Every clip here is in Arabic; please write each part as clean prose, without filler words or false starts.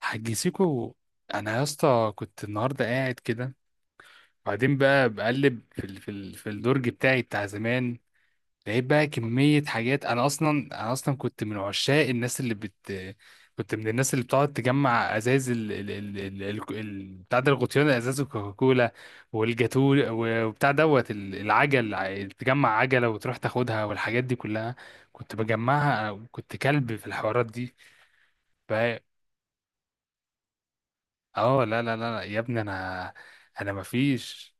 حاج سيكو، انا يا اسطى كنت النهارده قاعد كده. وبعدين بقى بقلب في في الدرج بتاعي بتاع زمان. لقيت بقى كميه حاجات. انا اصلا كنت من عشاق الناس اللي كنت من الناس اللي بتقعد تجمع ازاز بتاع ده الغطيان، ازاز الكوكاكولا والجاتو. وبتاع دوت العجل، تجمع عجله وتروح تاخدها والحاجات دي كلها. كنت بجمعها، كنت كلب في الحوارات دي. اه لا لا لا لا، يا ابني انا. انا ما فيش.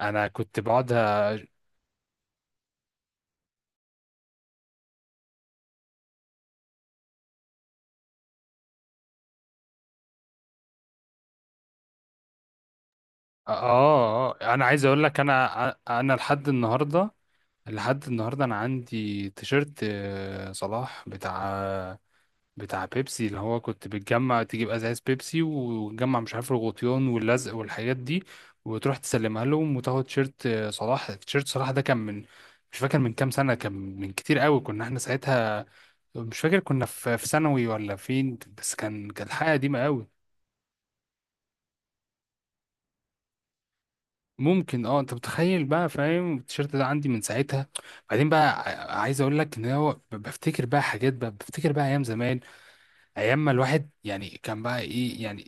انا كنت بقعد اه انا عايز اقول لك، انا لحد النهارده، لحد النهارده انا عندي تيشيرت آه، صلاح بتاع، بيبسي، اللي هو كنت بتجمع تجيب ازاز بيبسي وتجمع مش عارف الغطيان واللزق والحاجات دي وتروح تسلمها لهم وتاخد تيشيرت آه، صلاح. تيشيرت صلاح ده كان من، مش فاكر من كام سنه، كان من كتير قوي. كنا احنا ساعتها مش فاكر كنا في ثانوي ولا فين، بس كان كانت حاجه قديمه قوي. ممكن. اه انت متخيل بقى، فاهم؟ التيشيرت ده عندي من ساعتها. بعدين بقى عايز اقول لك ان هو بفتكر بقى حاجات، بقى بفتكر بقى ايام زمان، ايام ما الواحد يعني كان بقى ايه يعني.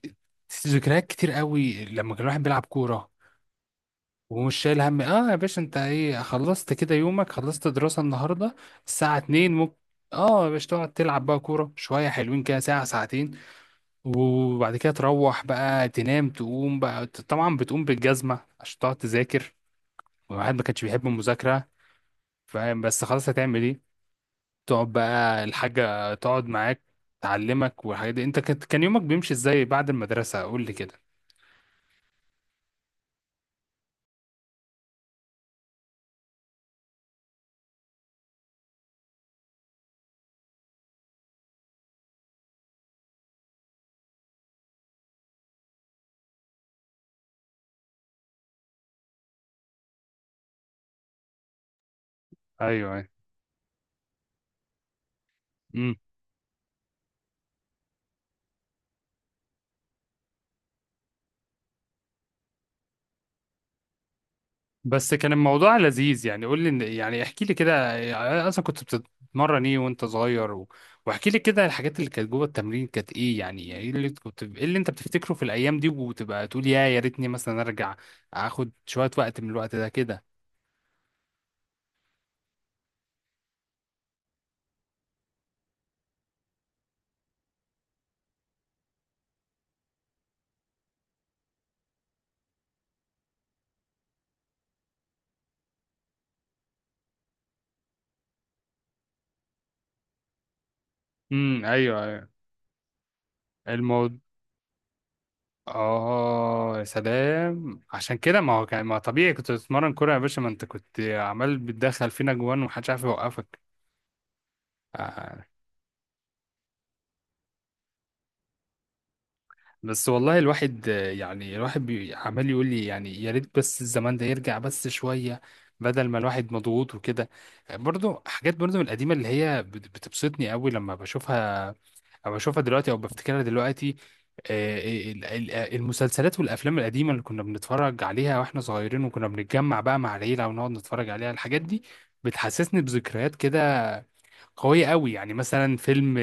ذكريات كتير قوي لما كان الواحد بيلعب كوره. ومش شايل هم. اه يا باشا، انت ايه خلصت كده يومك، خلصت دراسه النهارده الساعه 2 ممكن؟ اه يا باشا، تقعد تلعب بقى كوره شويه حلوين كده ساعه ساعتين وبعد كده تروح بقى تنام. تقوم بقى طبعا بتقوم بالجزمة عشان تقعد تذاكر، والواحد ما كانش بيحب المذاكرة. فاهم؟ بس خلاص، هتعمل ايه. تقعد بقى الحاجة تقعد معاك تعلمك والحاجات دي. انت كان يومك بيمشي ازاي بعد المدرسة؟ قول لي كده. ايوه، ايوه. بس كان الموضوع لذيذ يعني. قول لي يعني احكي لي كده، يعني اصلا كنت بتتمرن ايه وانت صغير و... واحكي لي كده الحاجات اللي كانت جوه التمرين كانت ايه يعني. يعني ايه اللي كنت، ايه اللي انت بتفتكره في الايام دي وتبقى تقول يا يا ريتني مثلا ارجع اخد شوية وقت من الوقت ده كده. امم، ايوه، ايوه. الموضوع. اه يا سلام، عشان كده. ما هو كان ما طبيعي كنت بتتمرن كوره يا باشا، ما انت كنت عمال بتدخل فينا جوان ومحدش عارف يوقفك. آه. بس والله الواحد يعني، الواحد عمال يقول لي يعني يا ريت بس الزمان ده يرجع بس شوية، بدل ما الواحد مضغوط وكده. برضو حاجات برضو من القديمة اللي هي بتبسطني قوي لما بشوفها او بشوفها دلوقتي او بفتكرها دلوقتي. آه. المسلسلات والافلام القديمة اللي كنا بنتفرج عليها واحنا صغيرين وكنا بنتجمع بقى مع العيلة ونقعد نتفرج عليها، الحاجات دي بتحسسني بذكريات كده قوية قوي. يعني مثلا فيلم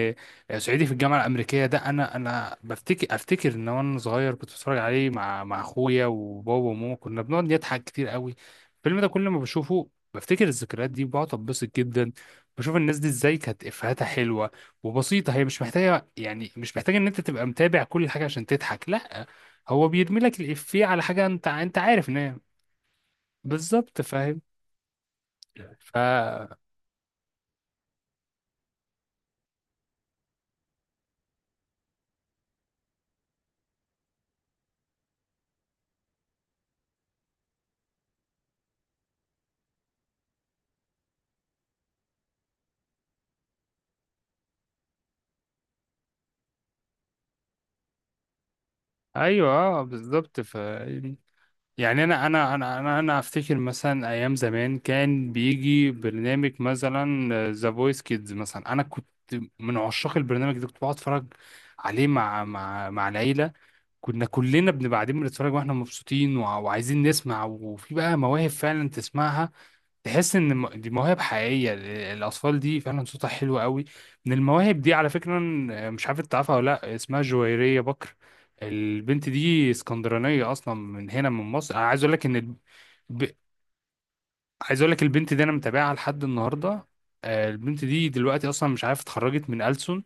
آه، صعيدي في الجامعة الأمريكية ده، أنا بفتكر، أفتكر إن وأنا صغير كنت بتفرج عليه مع أخويا وبابا وماما، كنا بنقعد نضحك كتير قوي. الفيلم ده كل ما بشوفه بفتكر الذكريات دي وبقعد أتبسط جدا. بشوف الناس دي إزاي كانت إفيهاتها حلوة وبسيطة. هي مش محتاجة يعني، مش محتاجة إن أنت تبقى متابع كل حاجة عشان تضحك. لأ، هو بيرمي لك الإفيه على حاجة أنت، عارف إن هي. بالظبط، فاهم. فا. ايوه، اه بالظبط. فا. يعني انا افتكر مثلا ايام زمان كان بيجي برنامج مثلا ذا فويس كيدز مثلا. انا كنت من عشاق البرنامج ده، كنت بقعد اتفرج عليه مع العيله. كنا كلنا بنبقى قاعدين بنتفرج واحنا مبسوطين وعايزين نسمع. وفي بقى مواهب فعلا تسمعها تحس ان دي مواهب حقيقيه. الاطفال دي فعلا صوتها حلو قوي. من المواهب دي على فكره آه، مش عارف انت عارفها ولا لا، اسمها جويريه بكر. البنت دي اسكندرانيه اصلا من هنا من مصر. انا عايز اقول لك ان ب... عايز اقول لك البنت دي انا متابعها لحد النهارده. آه. البنت دي دلوقتي اصلا مش عارف، اتخرجت من ألسن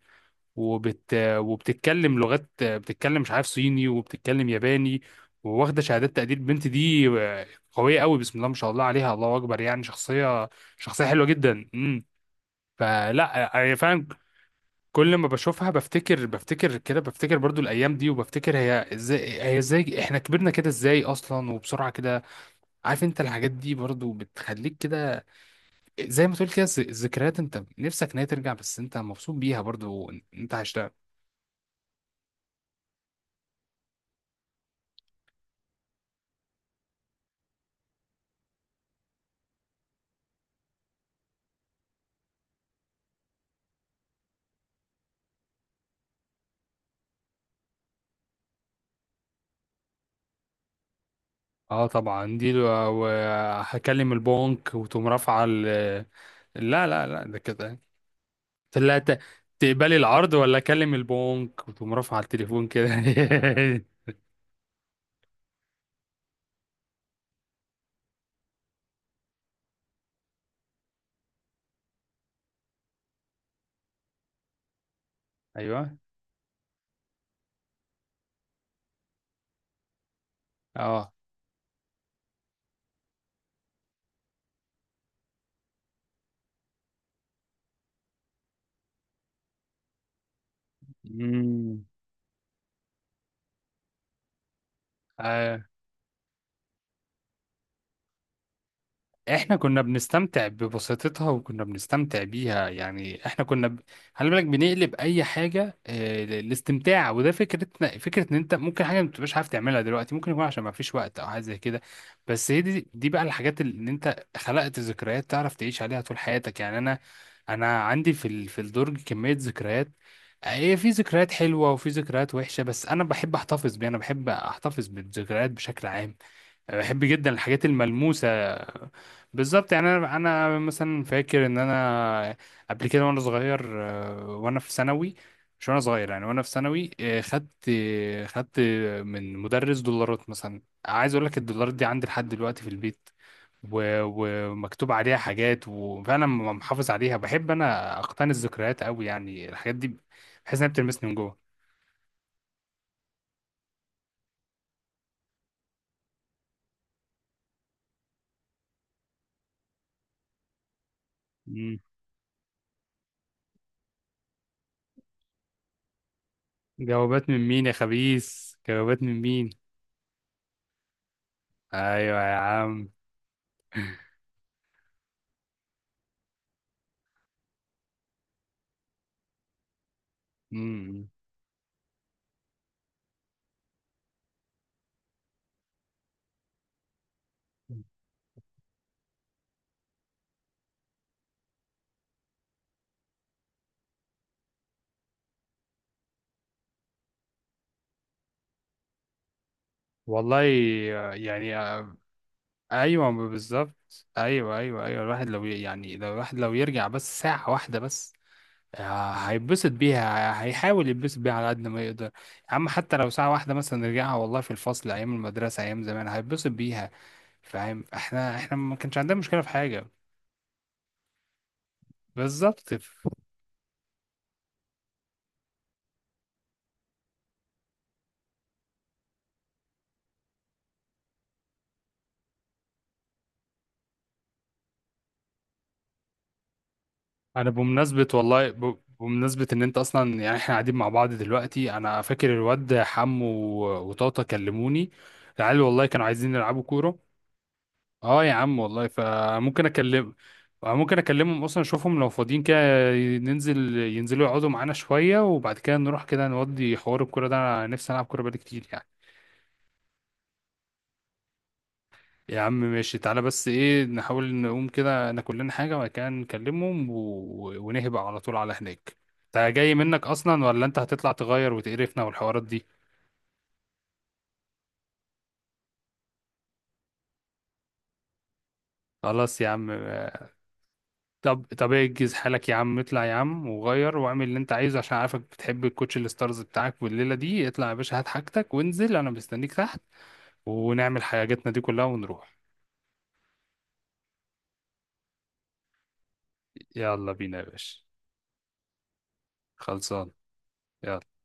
وبتتكلم لغات، بتتكلم مش عارف صيني وبتتكلم ياباني وواخده شهادات تقدير. البنت دي آه، قويه قوي، بسم الله ما شاء الله عليها، الله اكبر. يعني شخصيه، شخصيه حلوه جدا. امم. فلا انا فعلا كل ما بشوفها بفتكر، بفتكر كده بفتكر برضو الايام دي وبفتكر هي ازاي، هي ازاي احنا كبرنا كده ازاي اصلا، وبسرعه كده. عارف انت الحاجات دي برضو بتخليك كده، زي ما تقول كده الذكريات، انت نفسك ان هي ترجع بس انت مبسوط بيها برضو انت عشتها. اه طبعا دي وهكلم البنك وتقوم رافعه لا لا لا، ده كده ثلاثة. تقبلي العرض ولا اكلم البنك، وتقوم رافعه على التليفون كده ايوه، اه. امم. احنا كنا بنستمتع ببساطتها وكنا بنستمتع بيها، يعني احنا كنا ب... خلي بالك بنقلب اي حاجه آه، للاستمتاع. وده فكرتنا فكره ان انت ممكن حاجه ما بتبقاش عارف تعملها دلوقتي، ممكن يكون عشان ما فيش وقت او حاجه زي كده. بس هي دي بقى الحاجات اللي ان انت خلقت ذكريات تعرف تعيش عليها طول حياتك. يعني انا، انا عندي في ال... في الدرج كميه ذكريات. هي في ذكريات حلوه وفي ذكريات وحشه، بس انا بحب احتفظ بيها، انا بحب احتفظ بالذكريات بشكل عام. أنا بحب جدا الحاجات الملموسة. بالظبط. يعني انا، انا مثلا فاكر ان انا قبل كده وانا صغير آه، وانا في ثانوي، مش وانا صغير يعني، وانا في ثانوي آه، خدت من مدرس دولارات. مثلا عايز اقول لك الدولارات دي عندي لحد دلوقتي في البيت، ومكتوب عليها حاجات وفعلا محافظ عليها. بحب انا اقتني الذكريات قوي، يعني الحاجات دي بحس انها بتلمسني من جوه. مم. جوابات من مين يا خبيث؟ جوابات من مين؟ ايوه يا عم. امم. والله. يعني. ايوه بالظبط، ايوه، ايوه، ايوه. الواحد لو يعني، لو الواحد لو يرجع بس ساعه واحده بس. آه، هيتبسط بيها، هيحاول يتبسط بيها على قد ما يقدر يا عم. حتى لو ساعه واحده مثلا نرجعها، والله في الفصل ايام المدرسه ايام زمان، هيتبسط بيها. فاهم؟ احنا، احنا ما كانش عندنا مشكله في حاجه. بالظبط. انا بمناسبة والله بمناسبة ان انت اصلا يعني احنا قاعدين مع بعض دلوقتي، انا فاكر الواد حمو وطاطا كلموني. العيال والله كانوا عايزين يلعبوا كورة. اه يا عم والله، فممكن اكلم، ممكن اكلمهم اصلا اشوفهم لو فاضيين كده، ننزل، ينزلوا يقعدوا معانا شوية وبعد كده نروح كده نودي حوار الكورة ده. انا نفسي العب كورة بقالي كتير يعني. يا عم ماشي، تعالى بس ايه، نحاول نقوم كده ناكل لنا حاجة وبعد كده نكلمهم و... ونهبق على طول على هناك. انت جاي منك اصلا ولا انت هتطلع تغير وتقرفنا والحوارات دي؟ خلاص يا عم آه. طب، طب اجهز حالك يا عم، اطلع يا عم وغير واعمل اللي انت عايزه، عشان عارفك بتحب الكوتش الستارز بتاعك والليلة دي. اطلع يا باشا، هات حاجتك وانزل، انا مستنيك تحت ونعمل حاجاتنا دي كلها ونروح. يلا بينا يا باشا. خلصان. يلا.